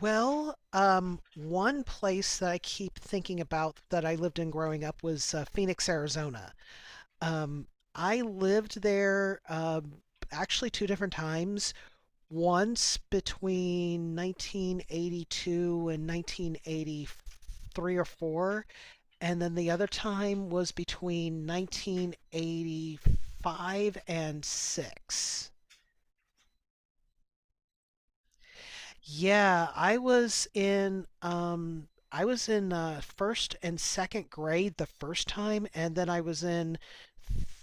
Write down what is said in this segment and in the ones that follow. Well, one place that I keep thinking about that I lived in growing up was Phoenix, Arizona. Um, I lived there actually two different times. Once between 1982 and 1983 or 4, and then the other time was between 1985 and 6. Yeah, I was in first and second grade the first time and then I was in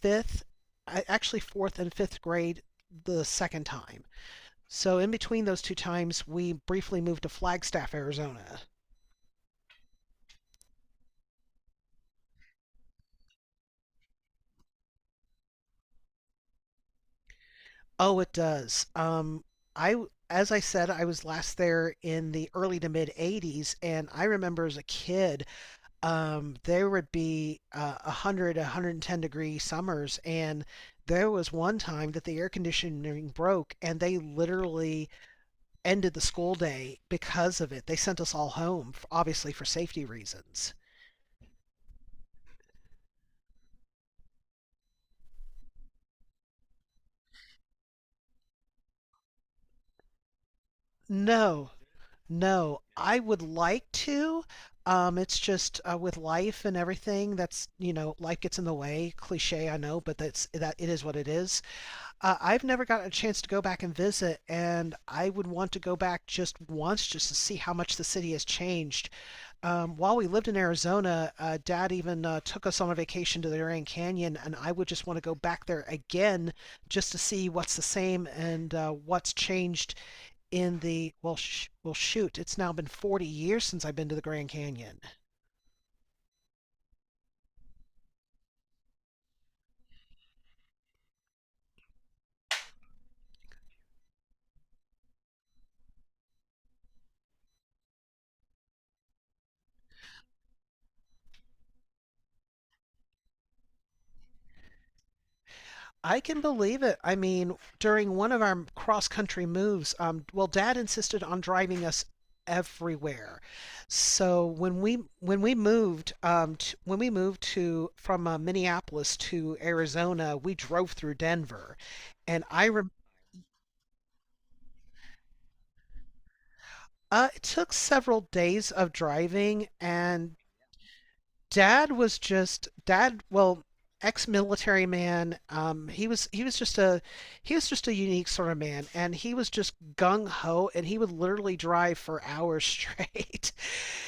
fifth I actually fourth and fifth grade the second time. So in between those two times we briefly moved to Flagstaff, Arizona. Oh, it does. As I said, I was last there in the early to mid 80s and I remember as a kid there would be 100, 110-degree summers. And there was one time that the air conditioning broke and they literally ended the school day because of it. They sent us all home, obviously for safety reasons. No, no, I would like to. It's just with life and everything life gets in the way. Cliche, I know, but that's that it is what it is. I've never gotten a chance to go back and visit, and I would want to go back just once just to see how much the city has changed. While we lived in Arizona, Dad even took us on a vacation to the Grand Canyon, and I would just want to go back there again just to see what's the same and what's changed in the, well, sh- well, shoot, it's now been 40 years since I've been to the Grand Canyon. I can believe it. I mean, during one of our cross country moves, well, Dad insisted on driving us everywhere. So when we moved when we moved to from Minneapolis to Arizona, we drove through Denver, and I rem it took several days of driving, and dad was just dad. Well, ex-military man. He was just a unique sort of man, and he was just gung ho, and he would literally drive for hours straight.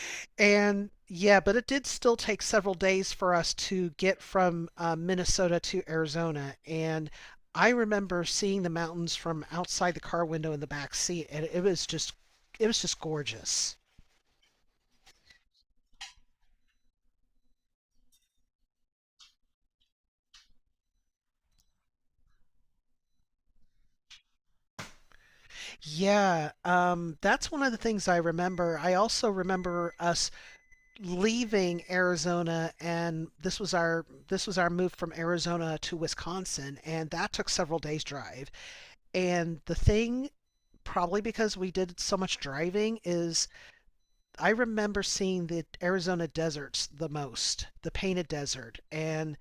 And yeah, but it did still take several days for us to get from Minnesota to Arizona, and I remember seeing the mountains from outside the car window in the back seat, and it was just gorgeous. Yeah, that's one of the things I remember. I also remember us leaving Arizona, and this was our move from Arizona to Wisconsin, and that took several days drive. And the thing, probably because we did so much driving, is I remember seeing the Arizona deserts the most, the painted desert, and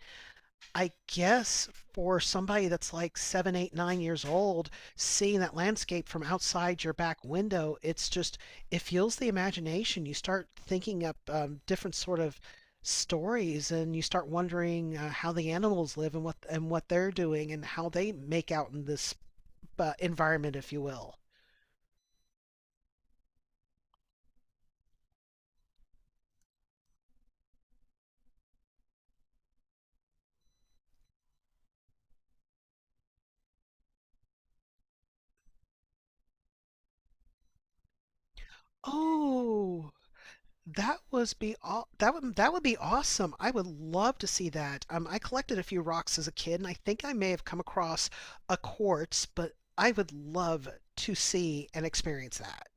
I guess for somebody that's like seven, eight, 9 years old, seeing that landscape from outside your back window, it's just, it fuels the imagination. You start thinking up different sort of stories and you start wondering how the animals live and what they're doing and how they make out in this environment, if you will. Oh, That was be all that would be awesome. I would love to see that. I collected a few rocks as a kid, and I think I may have come across a quartz, but I would love to see and experience that.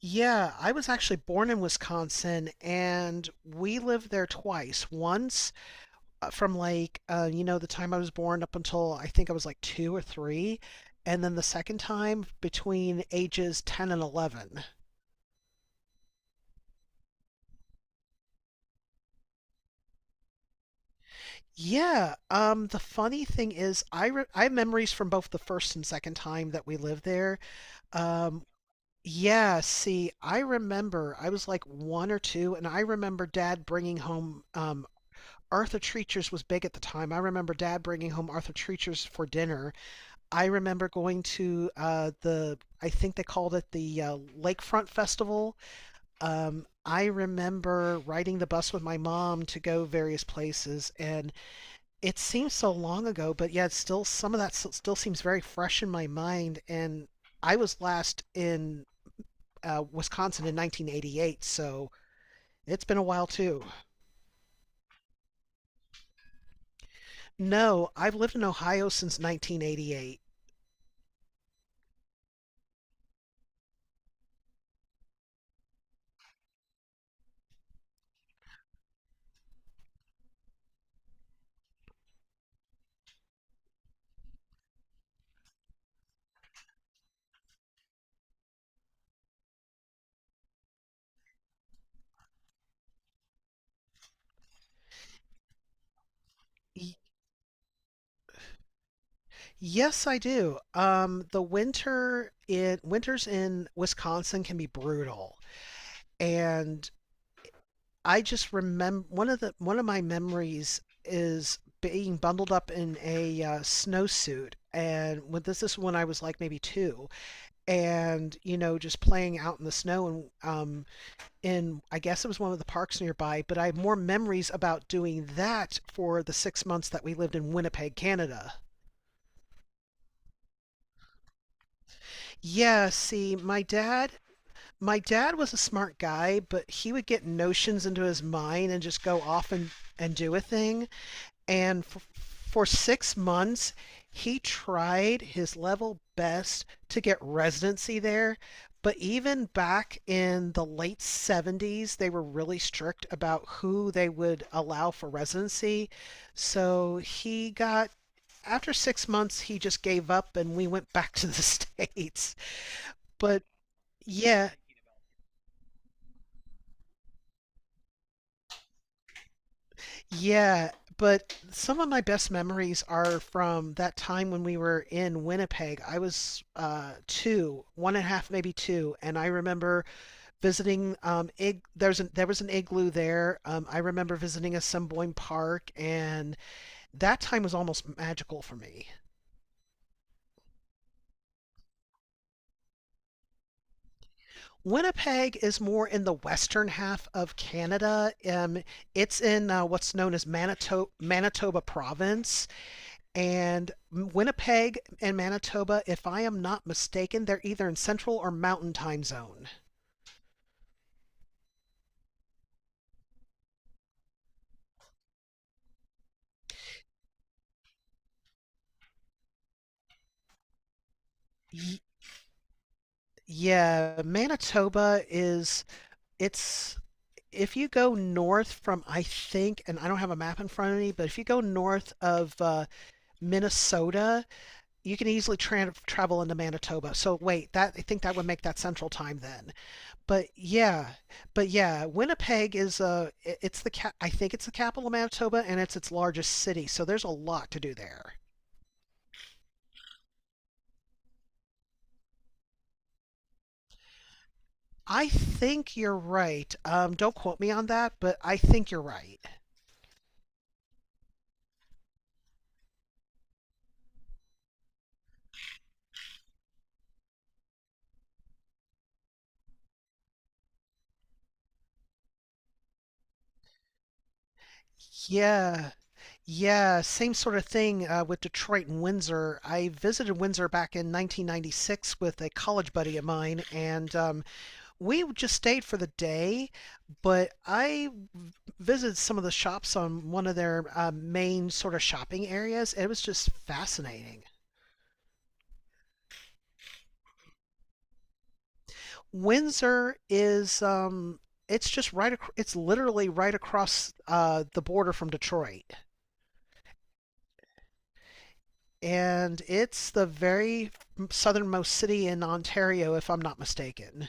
Yeah, I was actually born in Wisconsin, and we lived there twice. Once from like the time I was born up until I think I was like two or three, and then the second time between ages 10 and 11. Yeah. The funny thing is, I have memories from both the first and second time that we lived there. Um, yeah. See, I remember I was like one or two, and I remember Dad bringing home Arthur Treacher's was big at the time. I remember Dad bringing home Arthur Treacher's for dinner. I remember going to the I think they called it the Lakefront Festival. I remember riding the bus with my mom to go various places, and it seems so long ago, but yeah, it's still some of that still seems very fresh in my mind. And I was last in Wisconsin in 1988, so it's been a while too. No, I've lived in Ohio since 1988. Yes, I do. The winters in Wisconsin can be brutal, and I just remember one of my memories is being bundled up in a snowsuit and when this is when I was like maybe two, and you know just playing out in the snow and um in I guess it was one of the parks nearby, but I have more memories about doing that for the 6 months that we lived in Winnipeg, Canada. Yeah, see, my dad was a smart guy, but he would get notions into his mind and just go off and do a thing. And for 6 months, he tried his level best to get residency there. But even back in the late 70s, they were really strict about who they would allow for residency. So he got, after 6 months, he just gave up and we went back to the States. But yeah, Yeah, but some of my best memories are from that time when we were in Winnipeg. I was one and a half, maybe two, and I remember visiting there was an igloo there. I remember visiting Assiniboine Park, and that time was almost magical for me. Winnipeg is more in the western half of Canada. It's in what's known as Manitoba Province. And Winnipeg and Manitoba, if I am not mistaken, they're either in Central or Mountain Time Zone. Y- yeah, Manitoba is it's if you go north from I think, and I don't have a map in front of me, but if you go north of Minnesota, you can easily travel into Manitoba. So wait, that I think that would make that Central Time then. But yeah, but yeah, Winnipeg is I think it's the capital of Manitoba and it's its largest city, so there's a lot to do there. I think you're right. Don't quote me on that, but I think you're right. Yeah. Yeah, same sort of thing with Detroit and Windsor. I visited Windsor back in 1996 with a college buddy of mine, and we just stayed for the day, but I visited some of the shops on one of their main sort of shopping areas. It was just fascinating. Windsor is it's just right. It's literally right across the border from Detroit, and it's the very southernmost city in Ontario, if I'm not mistaken.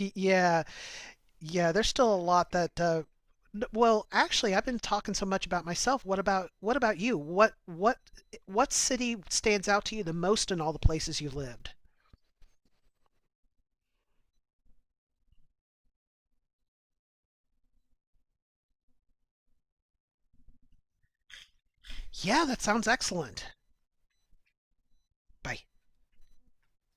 Y- Yeah, Yeah, there's still a lot that well, actually, I've been talking so much about myself. What about you? What city stands out to you the most in all the places you lived? Yeah, that sounds excellent. Bye.